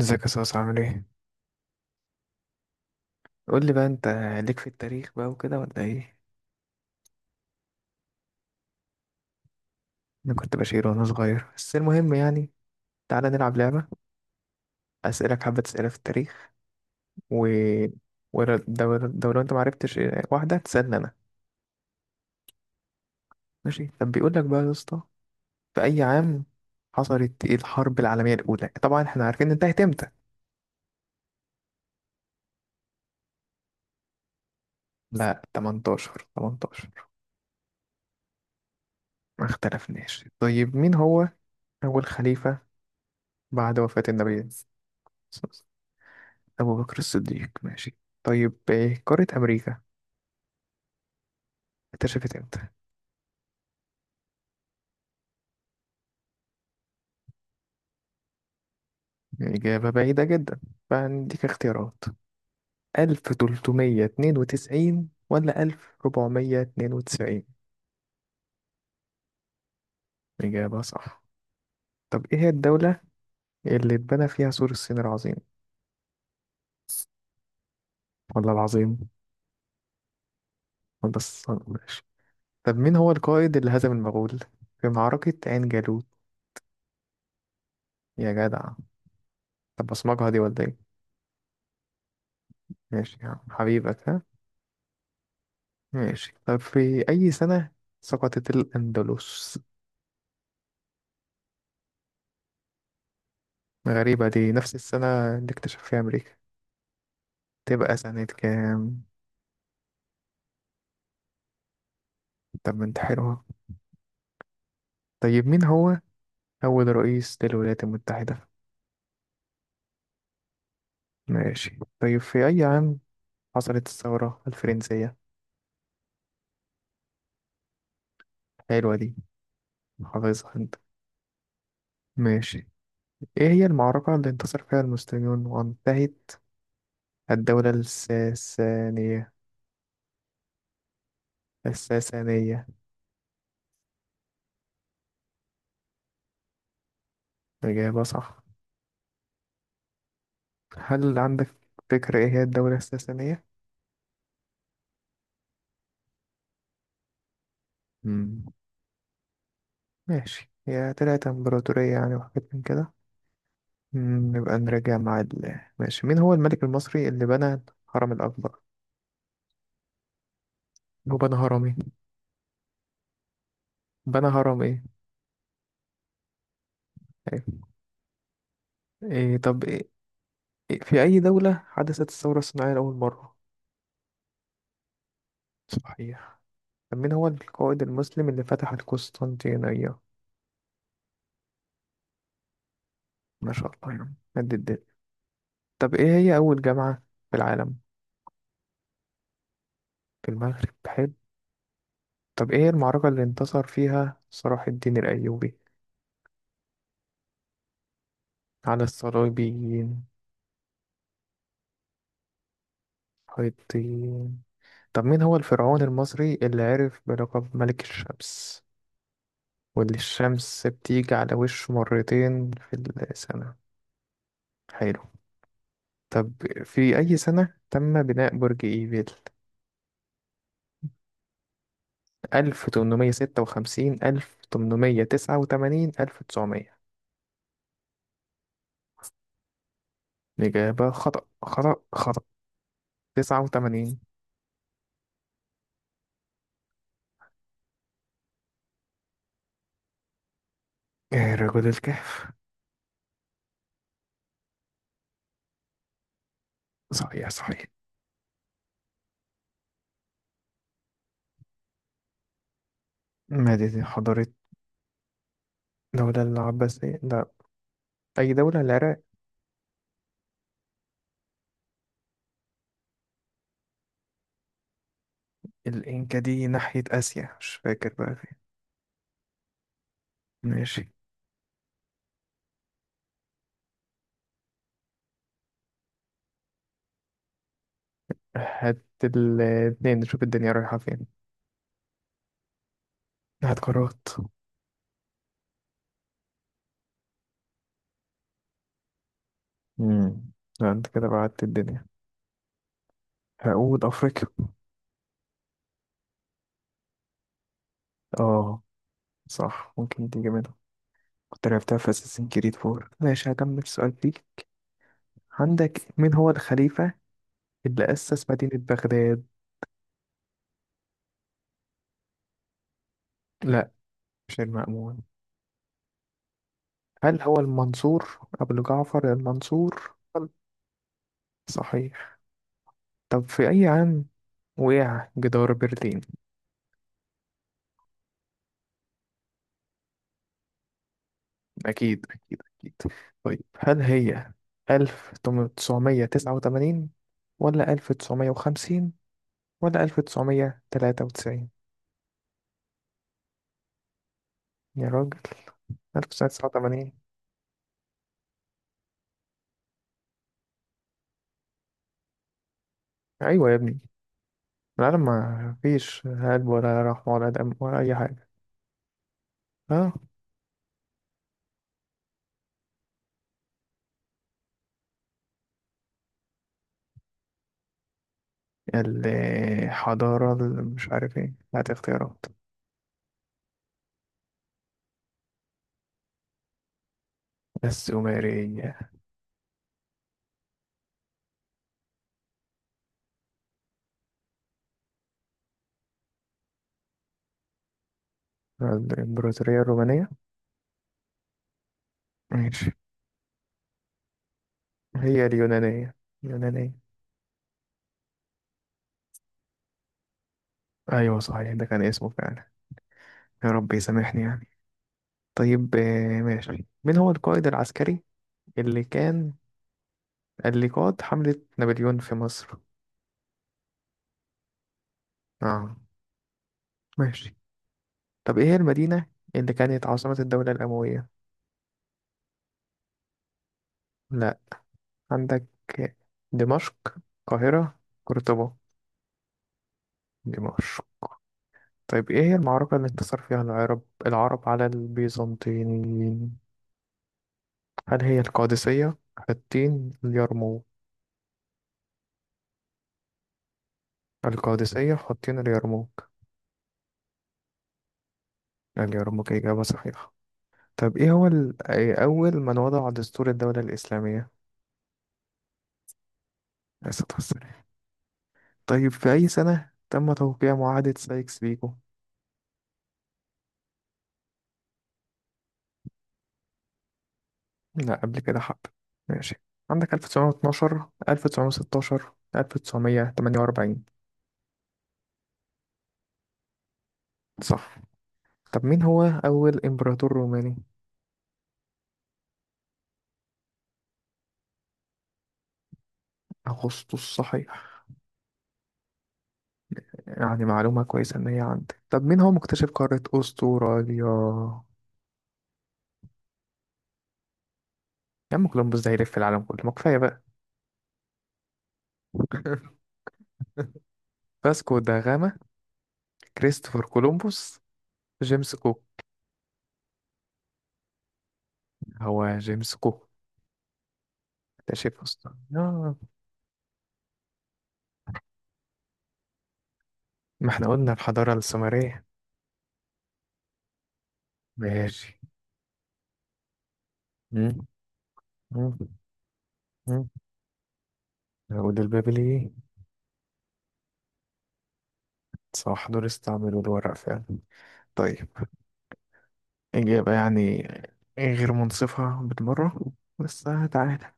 ازيك يا صاصا؟ عامل ايه؟ قول لي بقى انت، ليك في التاريخ بقى وكده ولا ايه؟ انا كنت بشير وانا صغير، بس المهم يعني. تعالى نلعب لعبة، اسألك حبة اسئلة في التاريخ، و ولو لو لو انت معرفتش، واحدة تسألني انا. ماشي، طب بيقول لك بقى يا اسطى، في اي عام حصلت الحرب العالمية الأولى؟ طبعا احنا عارفين انتهت امتى. لا، 18، 18. ما اختلفناش. طيب، مين هو أول خليفة بعد وفاة النبي؟ أبو بكر الصديق، ماشي. طيب، إيه قارة أمريكا اكتشفت إمتى؟ إجابة بعيدة جدا. فعندك اختيارات، 1392 ولا 1492؟ إجابة صح. طب إيه هي الدولة اللي اتبنى فيها سور الصين العظيم؟ ولا العظيم؟ ولا الصين؟ ماشي. طب مين هو القائد اللي هزم المغول في معركة عين جالوت؟ يا جدع. طب بصمجها دي ولا إيه؟ ماشي يا عم، حبيبك، ها. ماشي، طب في أي سنة سقطت الأندلس؟ غريبة، دي نفس السنة اللي اكتشف فيها أمريكا، تبقى سنة كام؟ طب ما انت حلوة. طيب مين هو أول رئيس للولايات المتحدة؟ ماشي. طيب في أي عام حصلت الثورة الفرنسية؟ حلوة دي، حافظها انت. ماشي، ايه هي المعركة اللي انتصر فيها المسلمون وانتهت الدولة الساسانية؟ الساسانية. إجابة صح. هل عندك فكرة ايه هي الدولة الساسانية؟ مم. ماشي، هي طلعت امبراطورية يعني وحاجات من كده. مم، نبقى نراجع ماشي. مين هو الملك المصري اللي بنى الهرم الأكبر؟ هو بنى هرم ايه؟ بنى هرم ايه؟ أيوة. إيه طب إيه؟ إيه في أي دولة حدثت الثورة الصناعية لأول مرة؟ صحيح. طب مين هو القائد المسلم اللي فتح القسطنطينية؟ ما شاء الله، يعني قد الدنيا. طب ايه هي أول جامعة في العالم؟ في المغرب، حلو. طب ايه المعركة اللي انتصر فيها صلاح الدين الأيوبي على الصليبيين؟ حيطين. طب مين هو الفرعون المصري اللي عرف بلقب ملك الشمس واللي الشمس بتيجي على وشه مرتين في السنة؟ حلو. طب في أي سنة تم بناء برج إيفيل؟ 1856، 1889، 1900. الإجابة خطأ خطأ خطأ. 89. رجل الكهف. صحيح صحيح. مدينة، حضارة. الدولة العباسية، لا. أي دولة؟ العراق. الإنكا دي ناحية آسيا، مش فاكر بقى فين. ماشي، هات الاتنين نشوف الدنيا رايحة فين. هات قارات. امم، لا انت كده بعدت الدنيا. هقول أفريقيا. اه. صح، ممكن تيجي منها، كنت لعبتها في أساسين كريد فور. ماشي، هكمل السؤال فيك. عندك، مين هو الخليفة اللي أسس مدينة بغداد؟ لا، مش المأمون. هل هو المنصور؟ أبو جعفر المنصور. صحيح. طب في أي عام وقع جدار برلين؟ أكيد أكيد أكيد. طيب هل هي 1989 ولا 1950 ولا 1993؟ يا راجل. 1989. أيوة يا ابني، العالم ما فيش هلب ولا رحمة ولا دم ولا أي حاجة. ها. الحضارة اللي مش عارف ايه، هات اختيارات. السومرية. الإمبراطورية الرومانية. ماشي، هي اليونانية، اليونانية. أيوة صحيح، ده كان اسمه فعلا، يا رب يسامحني يعني. طيب ماشي. مين هو القائد العسكري اللي كان، اللي قاد حملة نابليون في مصر؟ اه، ماشي. طب ايه هي المدينة اللي كانت عاصمة الدولة الأموية؟ لا، عندك دمشق، القاهرة، قرطبة. دمشق. طيب ايه هي المعركة اللي انتصر فيها العرب العرب على البيزنطيين؟ هل هي القادسية، حطين، اليرموك؟ القادسية، حطين، اليرموك. اليرموك، إجابة صحيحة. طب ايه هو اول من وضع دستور الدولة الإسلامية؟ عليه الصلاة والسلام. طيب في اي سنة تم توقيع معاهدة سايكس بيكو؟ لا قبل كده، حب. ماشي، عندك 1912، 1916، 1948. صح. طب مين هو أول إمبراطور روماني؟ أغسطس، صحيح. يعني معلومة كويسة إن هي عندك. طب مين هو مكتشف قارة أستراليا؟ يا عم كولومبوس ده يلف العالم كله، ما كفاية بقى. فاسكو دا غاما، كريستوفر كولومبوس، جيمس كوك. هو جيمس كوك اكتشف اصلا، آه. ما احنا قلنا الحضارة السومرية. ماشي. مم. مم. مم. العود البابلي. صح، دول استعملوا الورق فعلا. طيب، إجابة يعني غير منصفة بالمرة، بس. تعالى،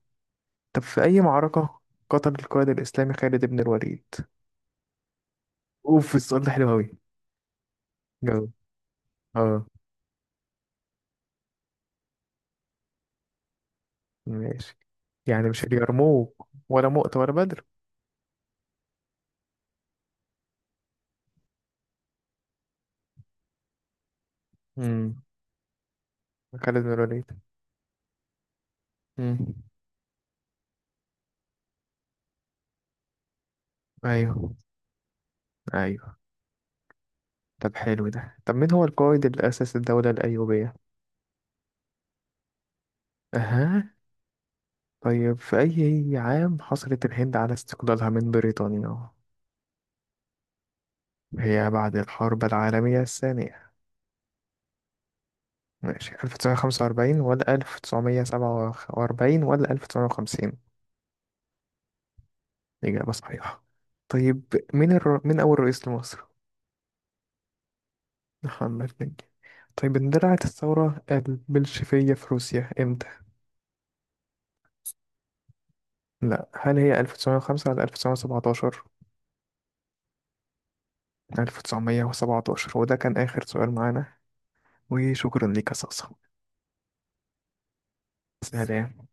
طب في أي معركة قتل القائد الإسلامي خالد بن الوليد؟ أوف، السؤال ده حلو أوي. جاوب. اه، ماشي. يعني مش اليرموك ولا مؤتة ولا بدر. امم. خالد بن الوليد. امم. أيوه، أيوه. طب حلو ده. طب مين هو القائد اللي أسس الدولة الأيوبية؟ أها. طيب في أي عام حصلت الهند على استقلالها من بريطانيا؟ هي بعد الحرب العالمية الثانية. ماشي، 1945 ولا 1947 ولا 1950؟ إجابة صحيحة. طيب، مين أول رئيس لمصر؟ محمد نجيب. طيب، اندلعت الثورة البلشفية في روسيا إمتى؟ لا، هل هي 1905 ولا 1917؟ 1917، وده كان آخر سؤال معانا. وشكرا ليك يا صاصة، سلام.